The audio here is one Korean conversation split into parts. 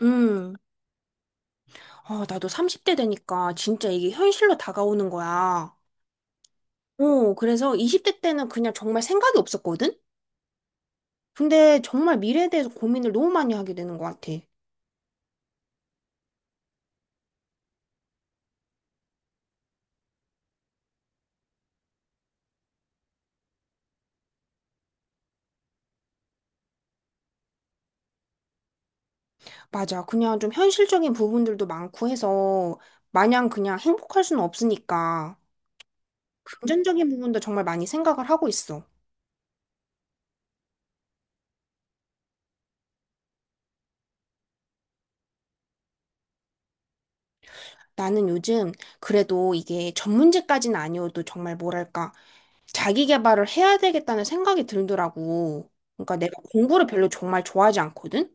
음, 아, 나도 30대 되니까 진짜 이게 현실로 다가오는 거야. 어, 그래서 20대 때는 그냥 정말 생각이 없었거든? 근데 정말 미래에 대해서 고민을 너무 많이 하게 되는 것 같아. 맞아. 그냥 좀 현실적인 부분들도 많고 해서 마냥 그냥 행복할 수는 없으니까 금전적인 부분도 정말 많이 생각을 하고 있어. 나는 요즘 그래도 이게 전문직까지는 아니어도 정말 뭐랄까. 자기 개발을 해야 되겠다는 생각이 들더라고. 그러니까 내가 공부를 별로 정말 좋아하지 않거든?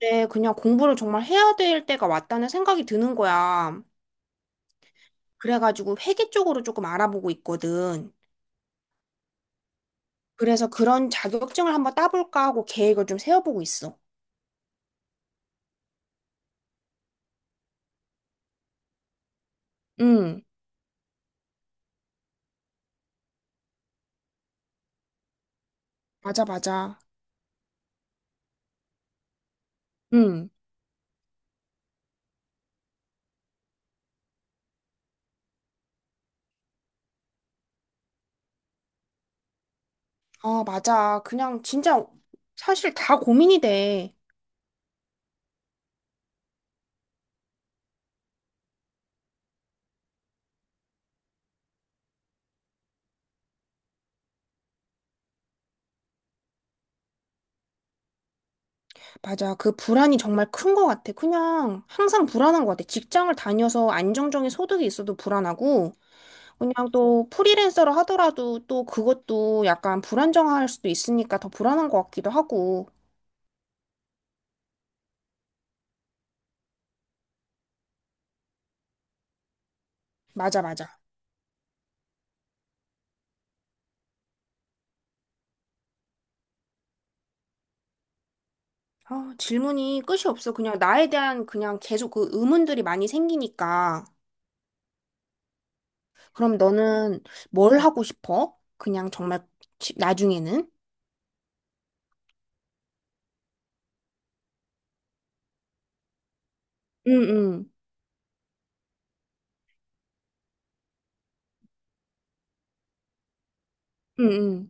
근데 그냥 공부를 정말 해야 될 때가 왔다는 생각이 드는 거야. 그래가지고 회계 쪽으로 조금 알아보고 있거든. 그래서 그런 자격증을 한번 따볼까 하고 계획을 좀 세워보고 있어. 응, 맞아, 맞아. 응, 아, 맞아. 그냥 진짜 사실 다 고민이 돼. 맞아. 그 불안이 정말 큰 것 같아. 그냥 항상 불안한 것 같아. 직장을 다녀서 안정적인 소득이 있어도 불안하고, 그냥 또 프리랜서를 하더라도 또 그것도 약간 불안정할 수도 있으니까 더 불안한 것 같기도 하고. 맞아, 맞아. 아, 질문이 끝이 없어. 그냥 나에 대한 그냥 계속 그 의문들이 많이 생기니까. 그럼 너는 뭘 하고 싶어? 그냥 정말 나중에는? 응, 응, 응,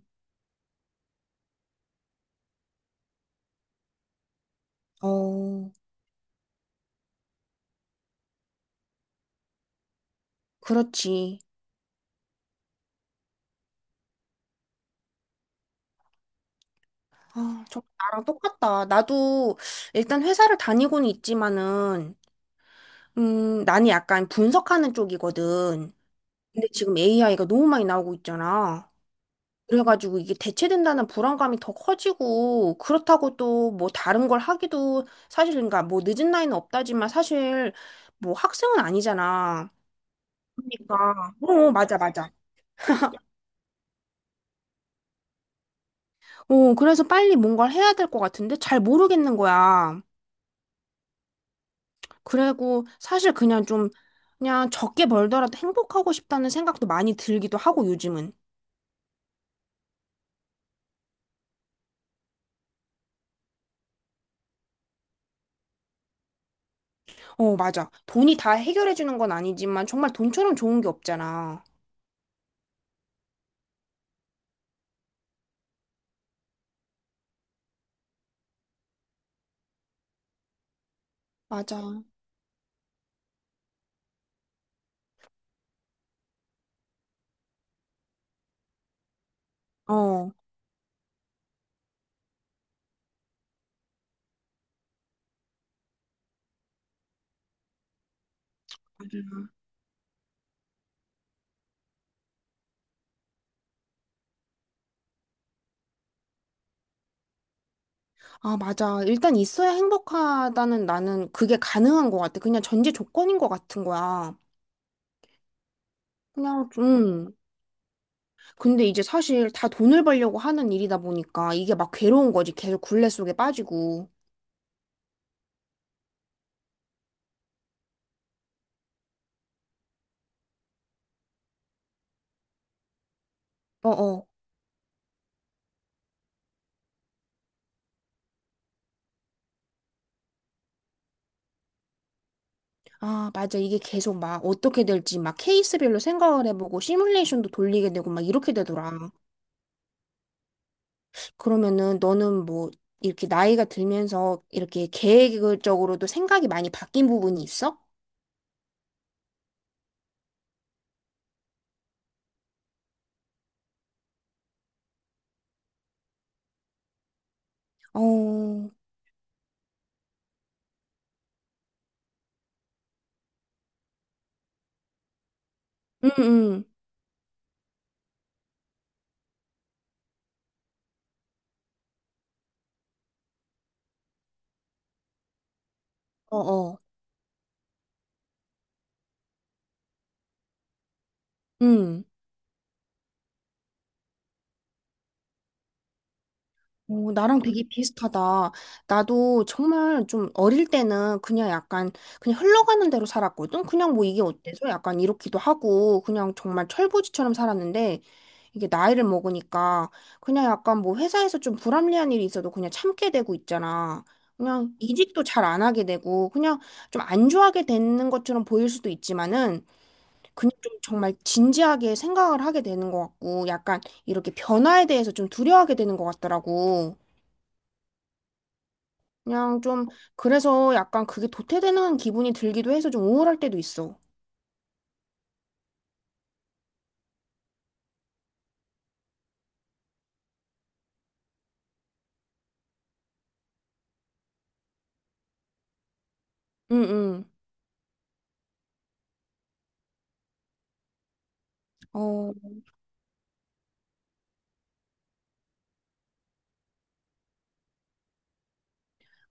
응. 어, 그렇지. 아, 정말 나랑 똑같다. 나도 일단 회사를 다니고는 있지만은, 나는 약간 분석하는 쪽이거든. 근데 지금 AI가 너무 많이 나오고 있잖아. 그래가지고 이게 대체된다는 불안감이 더 커지고, 그렇다고 또 뭐 다른 걸 하기도 사실, 그러니까 뭐 늦은 나이는 없다지만 사실 뭐 학생은 아니잖아. 그러니까. 어, 맞아, 맞아. 어, 그래서 빨리 뭔가를 해야 될 것 같은데 잘 모르겠는 거야. 그리고 사실 그냥 좀, 그냥 적게 벌더라도 행복하고 싶다는 생각도 많이 들기도 하고, 요즘은. 어, 맞아. 돈이 다 해결해주는 건 아니지만 정말 돈처럼 좋은 게 없잖아. 맞아. 어. 아, 맞아. 일단 있어야 행복하다는 나는 그게 가능한 것 같아. 그냥 전제 조건인 것 같은 거야. 그냥 좀. 근데 이제 사실 다 돈을 벌려고 하는 일이다 보니까 이게 막 괴로운 거지. 계속 굴레 속에 빠지고. 어어. 아, 맞아. 이게 계속 막 어떻게 될지 막 케이스별로 생각을 해보고 시뮬레이션도 돌리게 되고 막 이렇게 되더라. 그러면은 너는 뭐 이렇게 나이가 들면서 이렇게 계획적으로도 생각이 많이 바뀐 부분이 있어? 어. 응, 응. 어어. 음. 오, 나랑 되게 비슷하다. 나도 정말 좀 어릴 때는 그냥 약간 그냥 흘러가는 대로 살았거든. 그냥 뭐 이게 어때서 약간 이렇기도 하고 그냥 정말 철부지처럼 살았는데 이게 나이를 먹으니까 그냥 약간 뭐 회사에서 좀 불합리한 일이 있어도 그냥 참게 되고 있잖아. 그냥 이직도 잘 안 하게 되고 그냥 좀 안 좋아하게 되는 것처럼 보일 수도 있지만은 그냥 좀 정말 진지하게 생각을 하게 되는 것 같고, 약간 이렇게 변화에 대해서 좀 두려워하게 되는 것 같더라고. 그냥 좀, 그래서 약간 그게 도태되는 기분이 들기도 해서 좀 우울할 때도 있어. 응, 응. 어,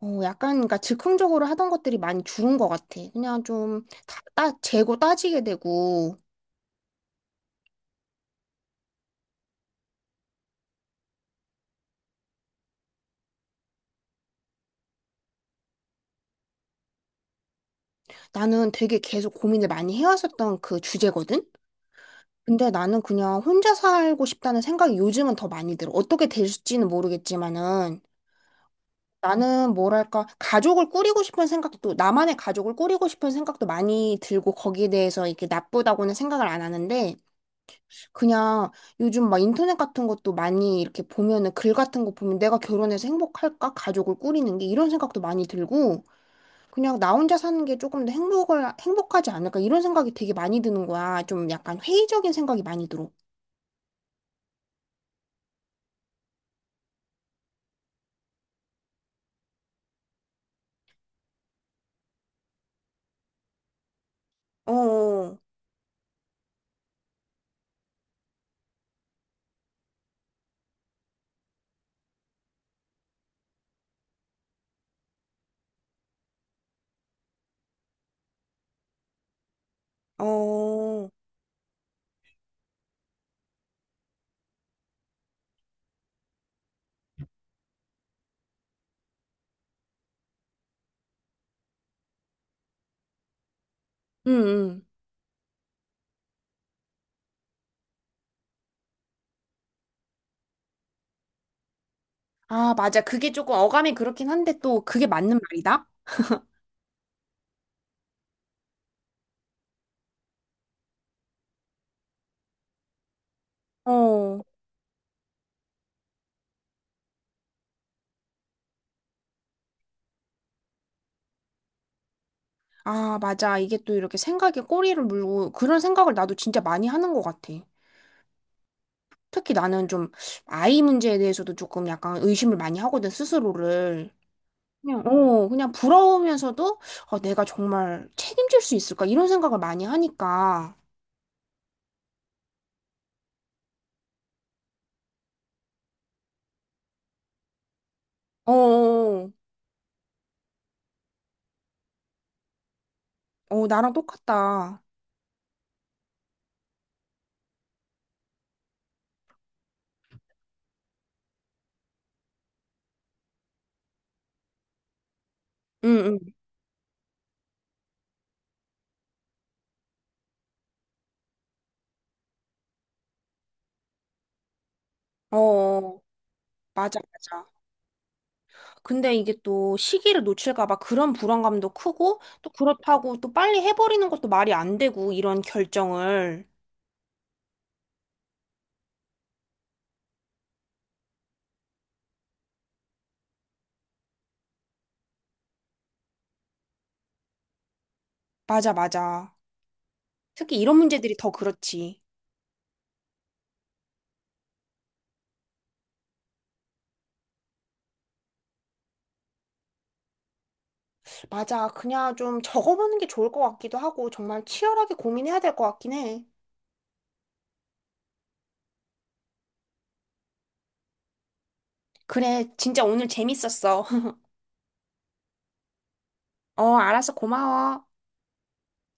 어, 약간, 그러니까 즉흥적으로 하던 것들이 많이 줄은 것 같아. 그냥 좀, 재고 따지게 되고, 나는 되게 계속 고민을 많이 해왔었던 그 주제거든? 근데 나는 그냥 혼자 살고 싶다는 생각이 요즘은 더 많이 들어. 어떻게 될지는 모르겠지만은. 나는 뭐랄까, 가족을 꾸리고 싶은 생각도, 나만의 가족을 꾸리고 싶은 생각도 많이 들고 거기에 대해서 이렇게 나쁘다고는 생각을 안 하는데, 그냥 요즘 막 인터넷 같은 것도 많이 이렇게 보면은 글 같은 거 보면 내가 결혼해서 행복할까? 가족을 꾸리는 게 이런 생각도 많이 들고, 그냥 나 혼자 사는 게 조금 더 행복하지 않을까? 이런 생각이 되게 많이 드는 거야. 좀 약간 회의적인 생각이 많이 들어. 어, 어, 응, 응. 아, 맞아. 그게 조금 어감이 그렇긴 한데 또 그게 맞는 말이다. 어, 아, 맞아. 이게 또 이렇게 생각에 꼬리를 물고 그런 생각을 나도 진짜 많이 하는 것 같아. 특히 나는 좀 아이 문제에 대해서도 조금 약간 의심을 많이 하거든, 스스로를. 그냥, 어, 그냥 부러우면서도 어, 내가 정말 책임질 수 있을까? 이런 생각을 많이 하니까. 어, 어, 어, 나랑 똑같다. 응, 응. 어, 어. 맞아, 맞아. 근데 이게 또 시기를 놓칠까 봐 그런 불안감도 크고 또 그렇다고 또 빨리 해버리는 것도 말이 안 되고 이런 결정을. 맞아, 맞아. 특히 이런 문제들이 더 그렇지. 맞아. 그냥 좀 적어보는 게 좋을 것 같기도 하고 정말 치열하게 고민해야 될 것 같긴 해. 그래, 진짜 오늘 재밌었어. 어, 알았어. 고마워.